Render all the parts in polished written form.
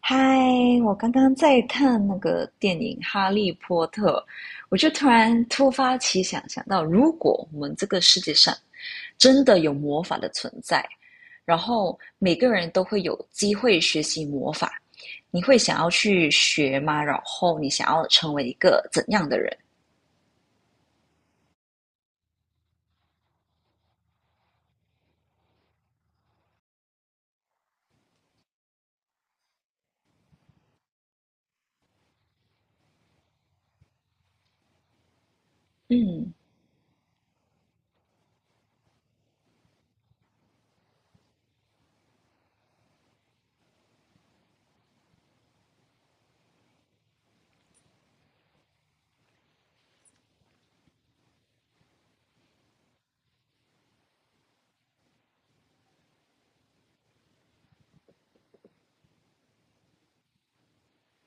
嗨，我刚刚在看那个电影《哈利波特》，我就突然突发奇想，想到如果我们这个世界上真的有魔法的存在，然后每个人都会有机会学习魔法，你会想要去学吗？然后你想要成为一个怎样的人？嗯。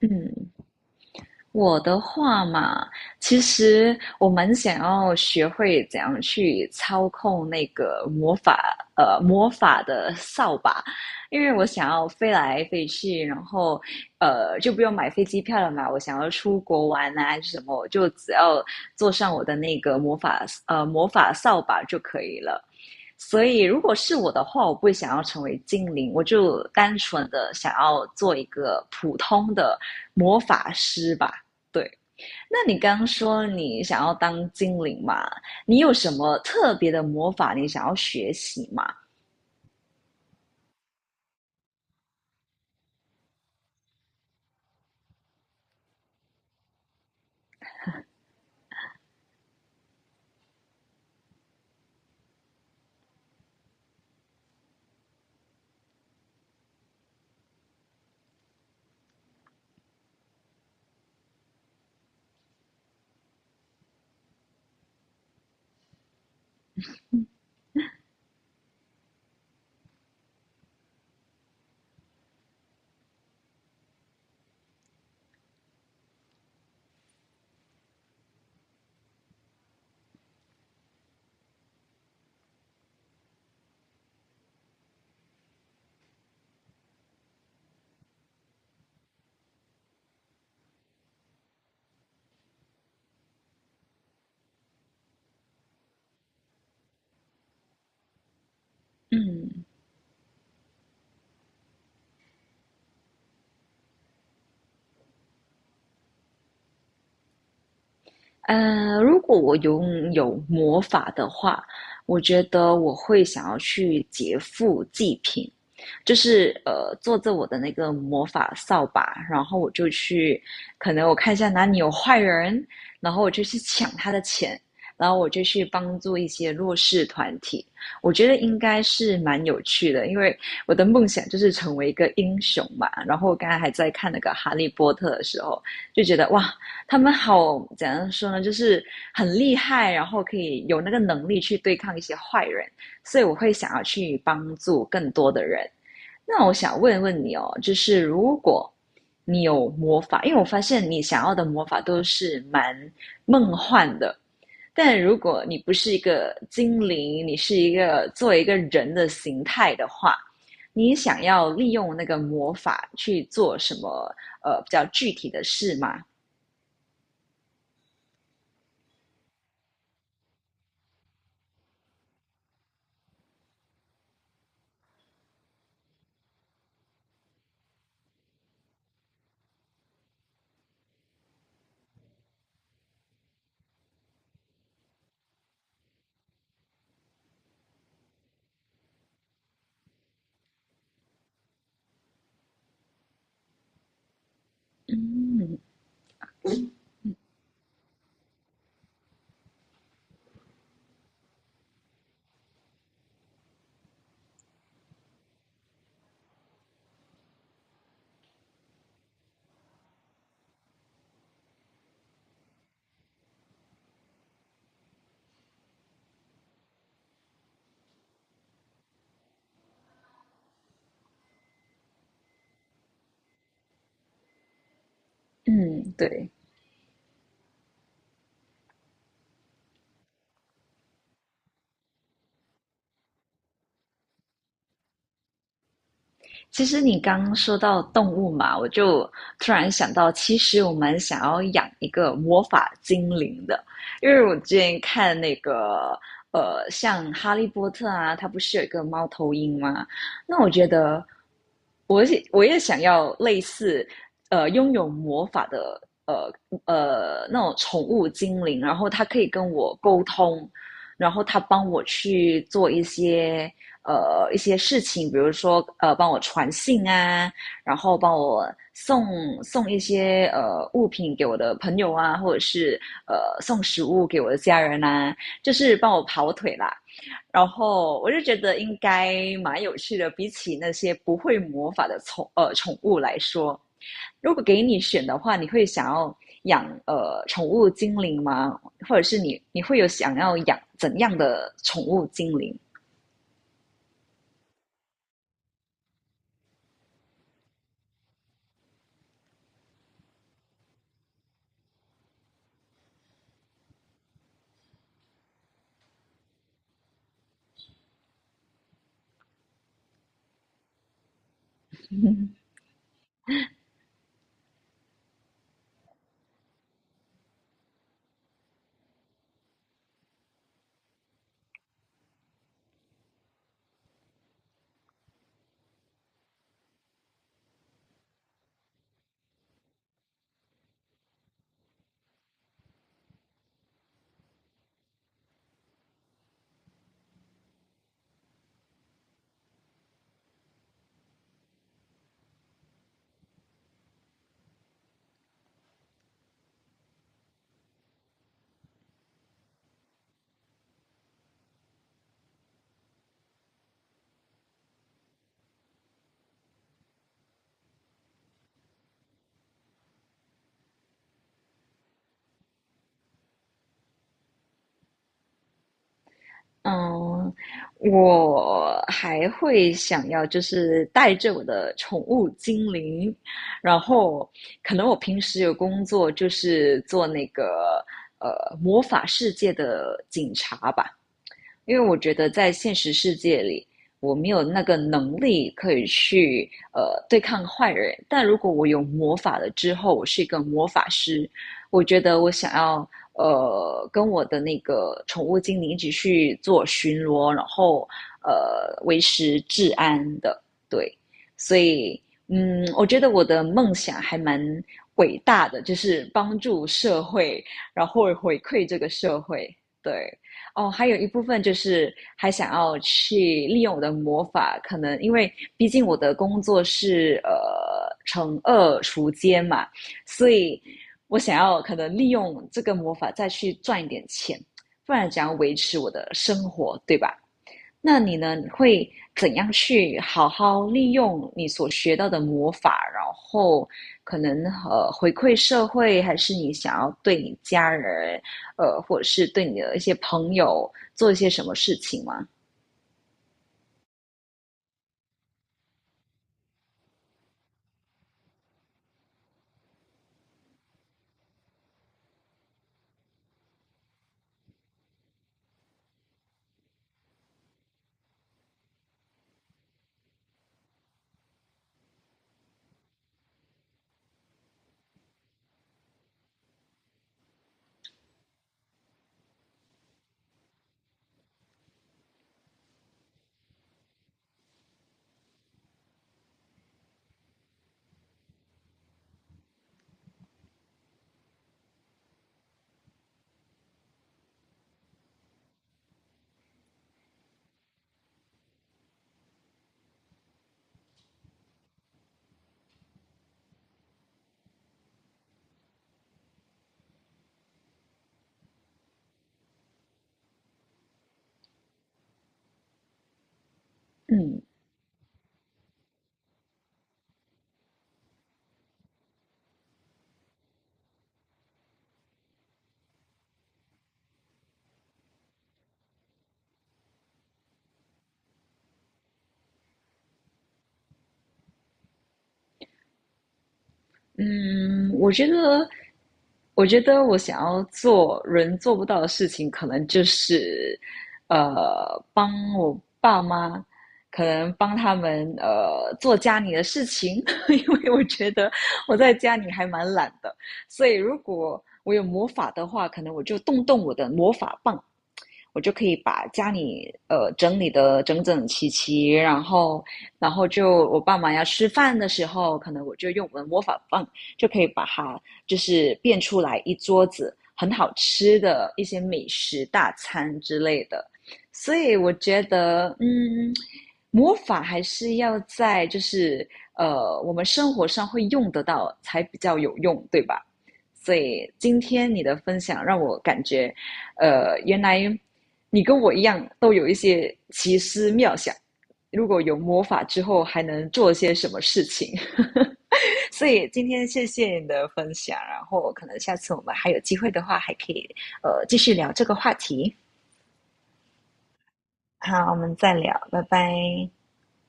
嗯，我的话嘛，其实我蛮想要学会怎样去操控那个魔法，魔法的扫把，因为我想要飞来飞去，然后就不用买飞机票了嘛。我想要出国玩啊，什么，我就只要坐上我的那个魔法，魔法扫把就可以了。所以，如果是我的话，我不会想要成为精灵，我就单纯的想要做一个普通的魔法师吧。对，那你刚说你想要当精灵嘛？你有什么特别的魔法你想要学习吗？嗯。如果我拥有魔法的话，我觉得我会想要去劫富济贫，就是坐着我的那个魔法扫把，然后我就去，可能我看一下哪里有坏人，然后我就去抢他的钱，然后我就去帮助一些弱势团体。我觉得应该是蛮有趣的，因为我的梦想就是成为一个英雄嘛。然后我刚才还在看那个《哈利波特》的时候，就觉得哇，他们好怎样说呢？就是很厉害，然后可以有那个能力去对抗一些坏人，所以我会想要去帮助更多的人。那我想问问你哦，就是如果你有魔法，因为我发现你想要的魔法都是蛮梦幻的，但如果你不是一个精灵，你是一个作为一个人的形态的话，你想要利用那个魔法去做什么？呃，比较具体的事吗？嗯，嗯，对。其实你刚刚说到动物嘛，我就突然想到，其实我们想要养一个魔法精灵的，因为我之前看那个像《哈利波特》啊，它不是有一个猫头鹰吗？那我觉得我也想要类似拥有魔法的那种宠物精灵，然后它可以跟我沟通，然后它帮我去做一些一些事情，比如说帮我传信啊，然后帮我送一些物品给我的朋友啊，或者是送食物给我的家人啊，就是帮我跑腿啦。然后我就觉得应该蛮有趣的，比起那些不会魔法的宠物来说，如果给你选的话，你会想要养宠物精灵吗？或者是你会有想要养怎样的宠物精灵？嗯，我还会想要就是带着我的宠物精灵，然后可能我平时有工作就是做那个魔法世界的警察吧，因为我觉得在现实世界里，我没有那个能力可以去对抗坏人。但如果我有魔法了之后，我是一个魔法师，我觉得我想要跟我的那个宠物精灵一起去做巡逻，然后维持治安的，对，所以。嗯，我觉得我的梦想还蛮伟大的，就是帮助社会，然后回馈这个社会。对，哦，还有一部分就是还想要去利用我的魔法，可能因为毕竟我的工作是惩恶除奸嘛，所以我想要可能利用这个魔法再去赚一点钱，不然怎样维持我的生活，对吧？那你呢？你会怎样去好好利用你所学到的魔法，然后可能回馈社会，还是你想要对你家人，呃，或者是对你的一些朋友做一些什么事情吗？嗯。嗯，我觉得我想要做人做不到的事情，可能就是，呃，帮我爸妈，可能帮他们做家里的事情，因为我觉得我在家里还蛮懒的，所以如果我有魔法的话，可能我就动动我的魔法棒，我就可以把家里整理的整整齐齐，然后就我爸妈要吃饭的时候，可能我就用我的魔法棒就可以把它就是变出来一桌子很好吃的一些美食大餐之类的。所以我觉得，嗯，魔法还是要在就是我们生活上会用得到才比较有用，对吧？所以今天你的分享让我感觉呃，原来你跟我一样都有一些奇思妙想，如果有魔法之后还能做些什么事情？所以今天谢谢你的分享，然后可能下次我们还有机会的话，还可以继续聊这个话题。好，我们再聊，拜拜。